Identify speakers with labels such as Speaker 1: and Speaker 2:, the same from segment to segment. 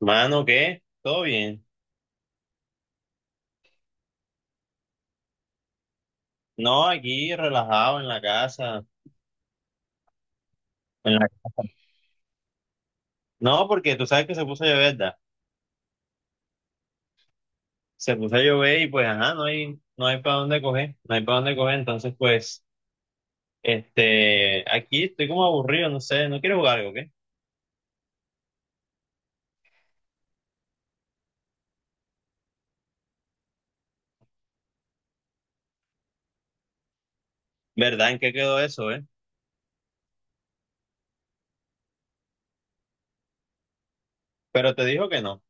Speaker 1: Mano, ¿qué? ¿Todo bien? No, aquí relajado en la casa. En la casa. No, porque tú sabes que se puso a llover, ¿verdad? Se puso a llover y pues, ajá, no hay, no hay para dónde coger, no hay para dónde coger. Entonces, pues, aquí estoy como aburrido, no sé, no quiero jugar algo, ¿qué? ¿Verdad? ¿En qué quedó eso, Pero te dijo que no,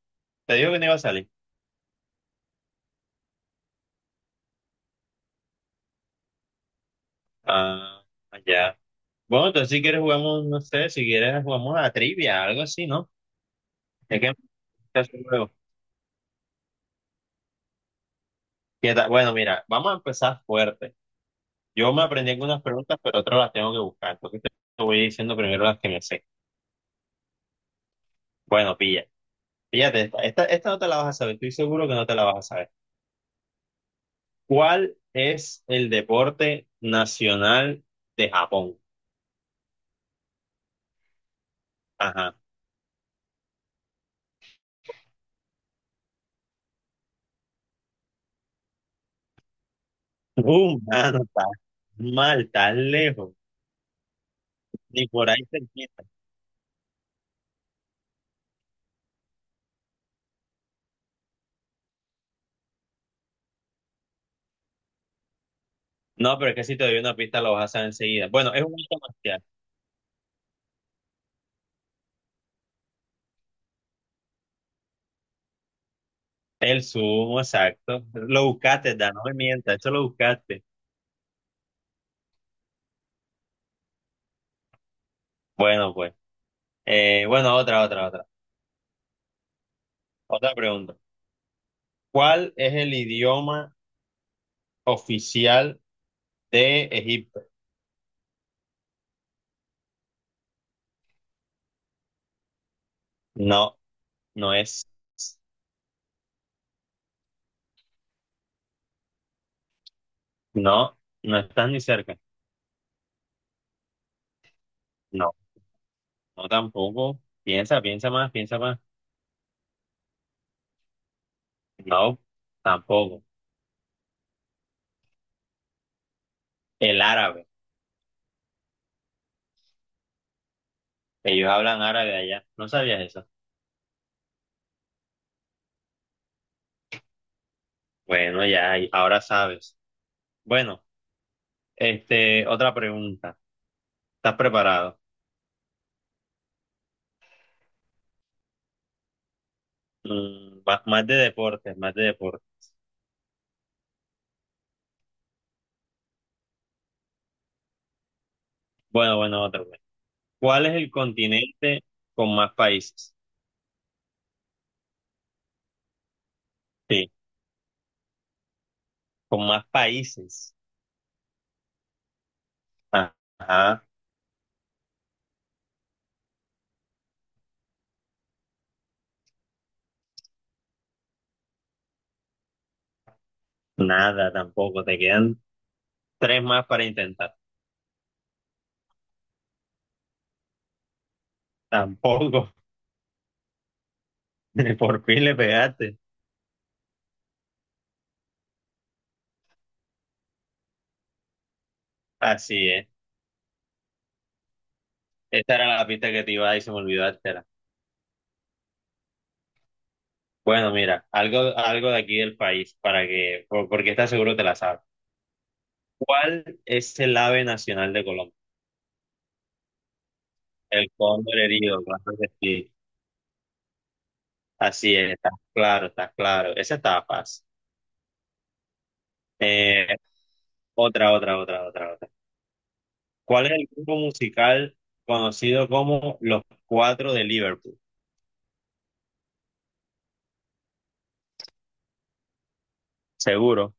Speaker 1: te dijo que no iba a salir. Ah, ya. Bueno, entonces si quieres jugamos, no sé, si quieres jugamos a la trivia, algo así, ¿no? Es que me gusta ese juego. ¿Qué tal? Bueno, mira, vamos a empezar fuerte. Yo me aprendí algunas preguntas, pero otras las tengo que buscar. Entonces te voy diciendo primero las que me sé. Bueno, pilla. Fíjate, esta no te la vas a saber. Estoy seguro que no te la vas a saber. ¿Cuál es el deporte nacional de Japón? Ajá. Mano, estás mal, tan lejos. Ni por ahí te empieza. No, pero es que si te doy una pista lo vas a saber enseguida. Bueno, es un arte marcial. El sumo, exacto. Lo buscaste, Dan, no me mientas, eso lo buscaste. Bueno, pues. Bueno, otra. Otra pregunta. ¿Cuál es el idioma oficial de Egipto? No, no es. No, no estás ni cerca. No, no tampoco. Piensa, piensa más, piensa más. No, tampoco. El árabe. Ellos hablan árabe allá. ¿No sabías eso? Bueno, ya, y ahora sabes. Bueno, otra pregunta. ¿Estás preparado? Más de deportes, más de deportes. Bueno, otra vez. ¿Cuál es el continente con más países? Sí, con más países. Ajá, nada, tampoco. Te quedan tres más para intentar. Tampoco. Por fin le pegaste. Así es. Esta era la pista que te iba a dar y se me olvidó dártela. Bueno, mira, algo de aquí del país para que, porque estás seguro te la sabes. ¿Cuál es el ave nacional de Colombia? El cóndor herido, claro que sí. Así es, está claro, está claro. Esa estaba fácil. Eh, otra. ¿Cuál es el grupo musical conocido como Los Cuatro de Liverpool? Seguro.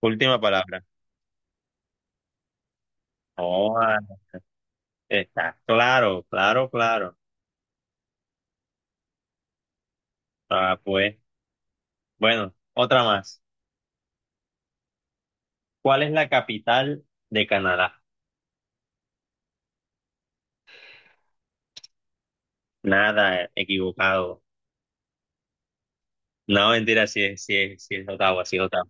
Speaker 1: Última palabra. Oh, ah, está claro, claro, claro. Ah, pues, bueno, otra más. ¿Cuál es la capital de Canadá? Nada, equivocado. No, mentira, si es Ottawa, si es Ottawa.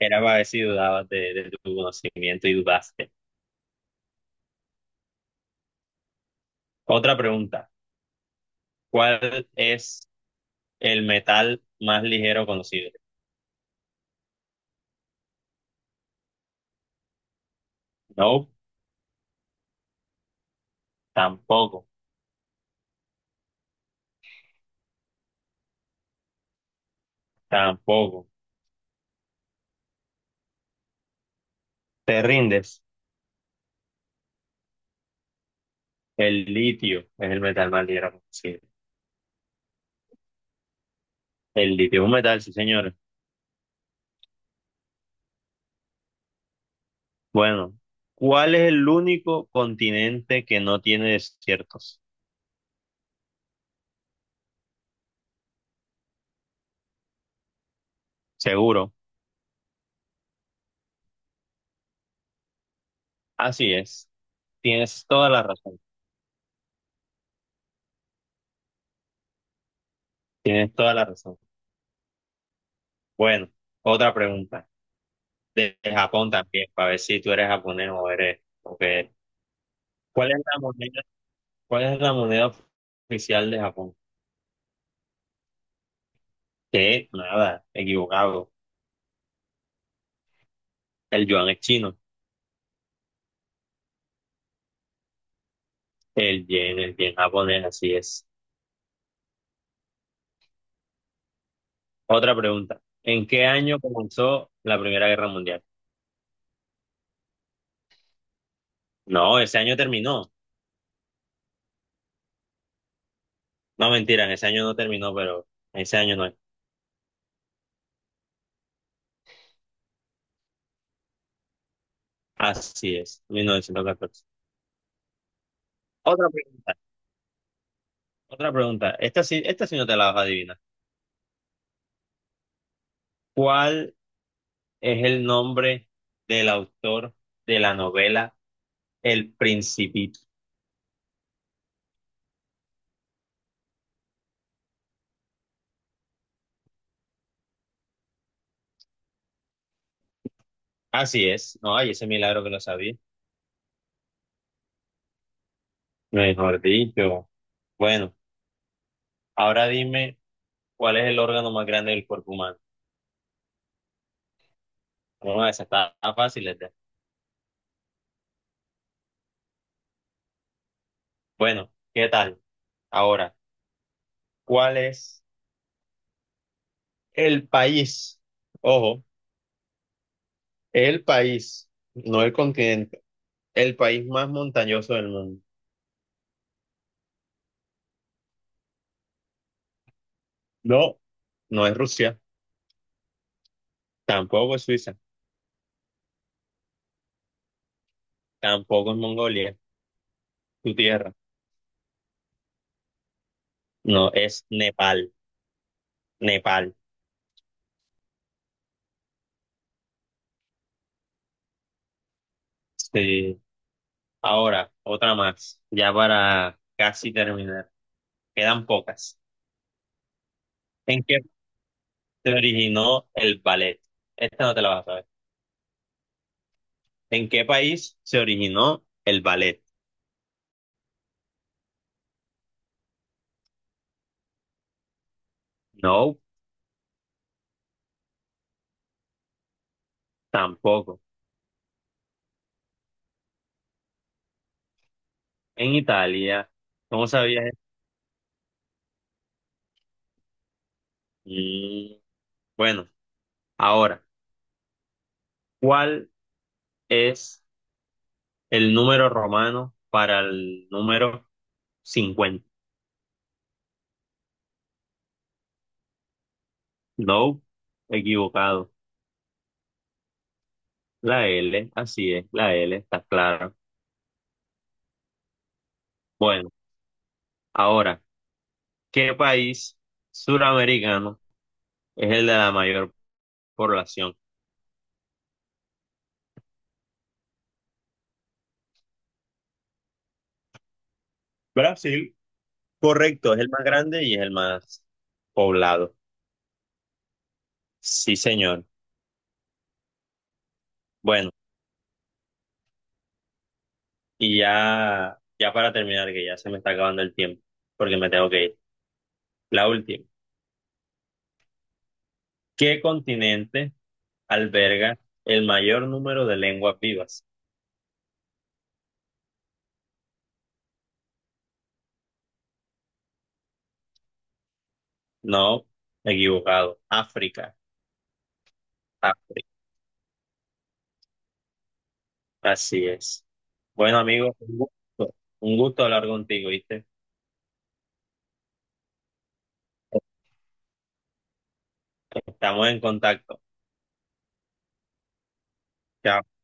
Speaker 1: Era para ver si dudabas de tu conocimiento y dudaste. Otra pregunta. ¿Cuál es el metal más ligero conocido? No, tampoco, tampoco. ¿Te rindes? El litio es el metal más ligero conocido. El litio es un metal, sí, señor. Bueno, ¿cuál es el único continente que no tiene desiertos? Seguro. Así es. Tienes toda la razón. Tienes toda la razón. Bueno, otra pregunta. De Japón también, para ver si tú eres japonés o eres o qué eres. ¿Cuál es la moneda, ¿cuál es la moneda oficial de Japón? Que nada, equivocado. El yuan es chino. El yen japonés, así es. Otra pregunta. ¿En qué año comenzó la Primera Guerra Mundial? No, ese año terminó. No, mentira, ese año no terminó, pero ese año no es. Así es, 1914. Otra pregunta, otra pregunta. Esta sí no te la vas a adivinar. ¿Cuál es el nombre del autor de la novela El Principito? Así es. No, hay ese milagro que lo sabía. Mejor dicho. Bueno, ahora dime cuál es el órgano más grande del cuerpo humano. Bueno, esa está fácil, esta. Bueno, ¿qué tal? Ahora, ¿cuál es el país? Ojo. El país, no el continente, el país más montañoso del mundo. No, no es Rusia, tampoco es Suiza, tampoco es Mongolia, tu tierra. No, es Nepal, Nepal. Sí. Ahora, otra más, ya para casi terminar. Quedan pocas. ¿En qué se originó el ballet? Esta no te la vas a saber. ¿En qué país se originó el ballet? No, tampoco. En Italia. ¿Cómo sabías eso? Mm, bueno, ahora. ¿Cuál es el número romano para el número 50? No, equivocado. La L, así es, la L, está claro. Bueno, ahora, ¿qué país suramericano es el de la mayor población? Brasil. Correcto, es el más grande y es el más poblado. Sí, señor. Bueno, y ya, ya para terminar, que ya se me está acabando el tiempo, porque me tengo que ir. La última. ¿Qué continente alberga el mayor número de lenguas vivas? No, equivocado. África, África. Así es. Bueno, amigo, un gusto hablar contigo, ¿viste? Estamos en contacto. Chao.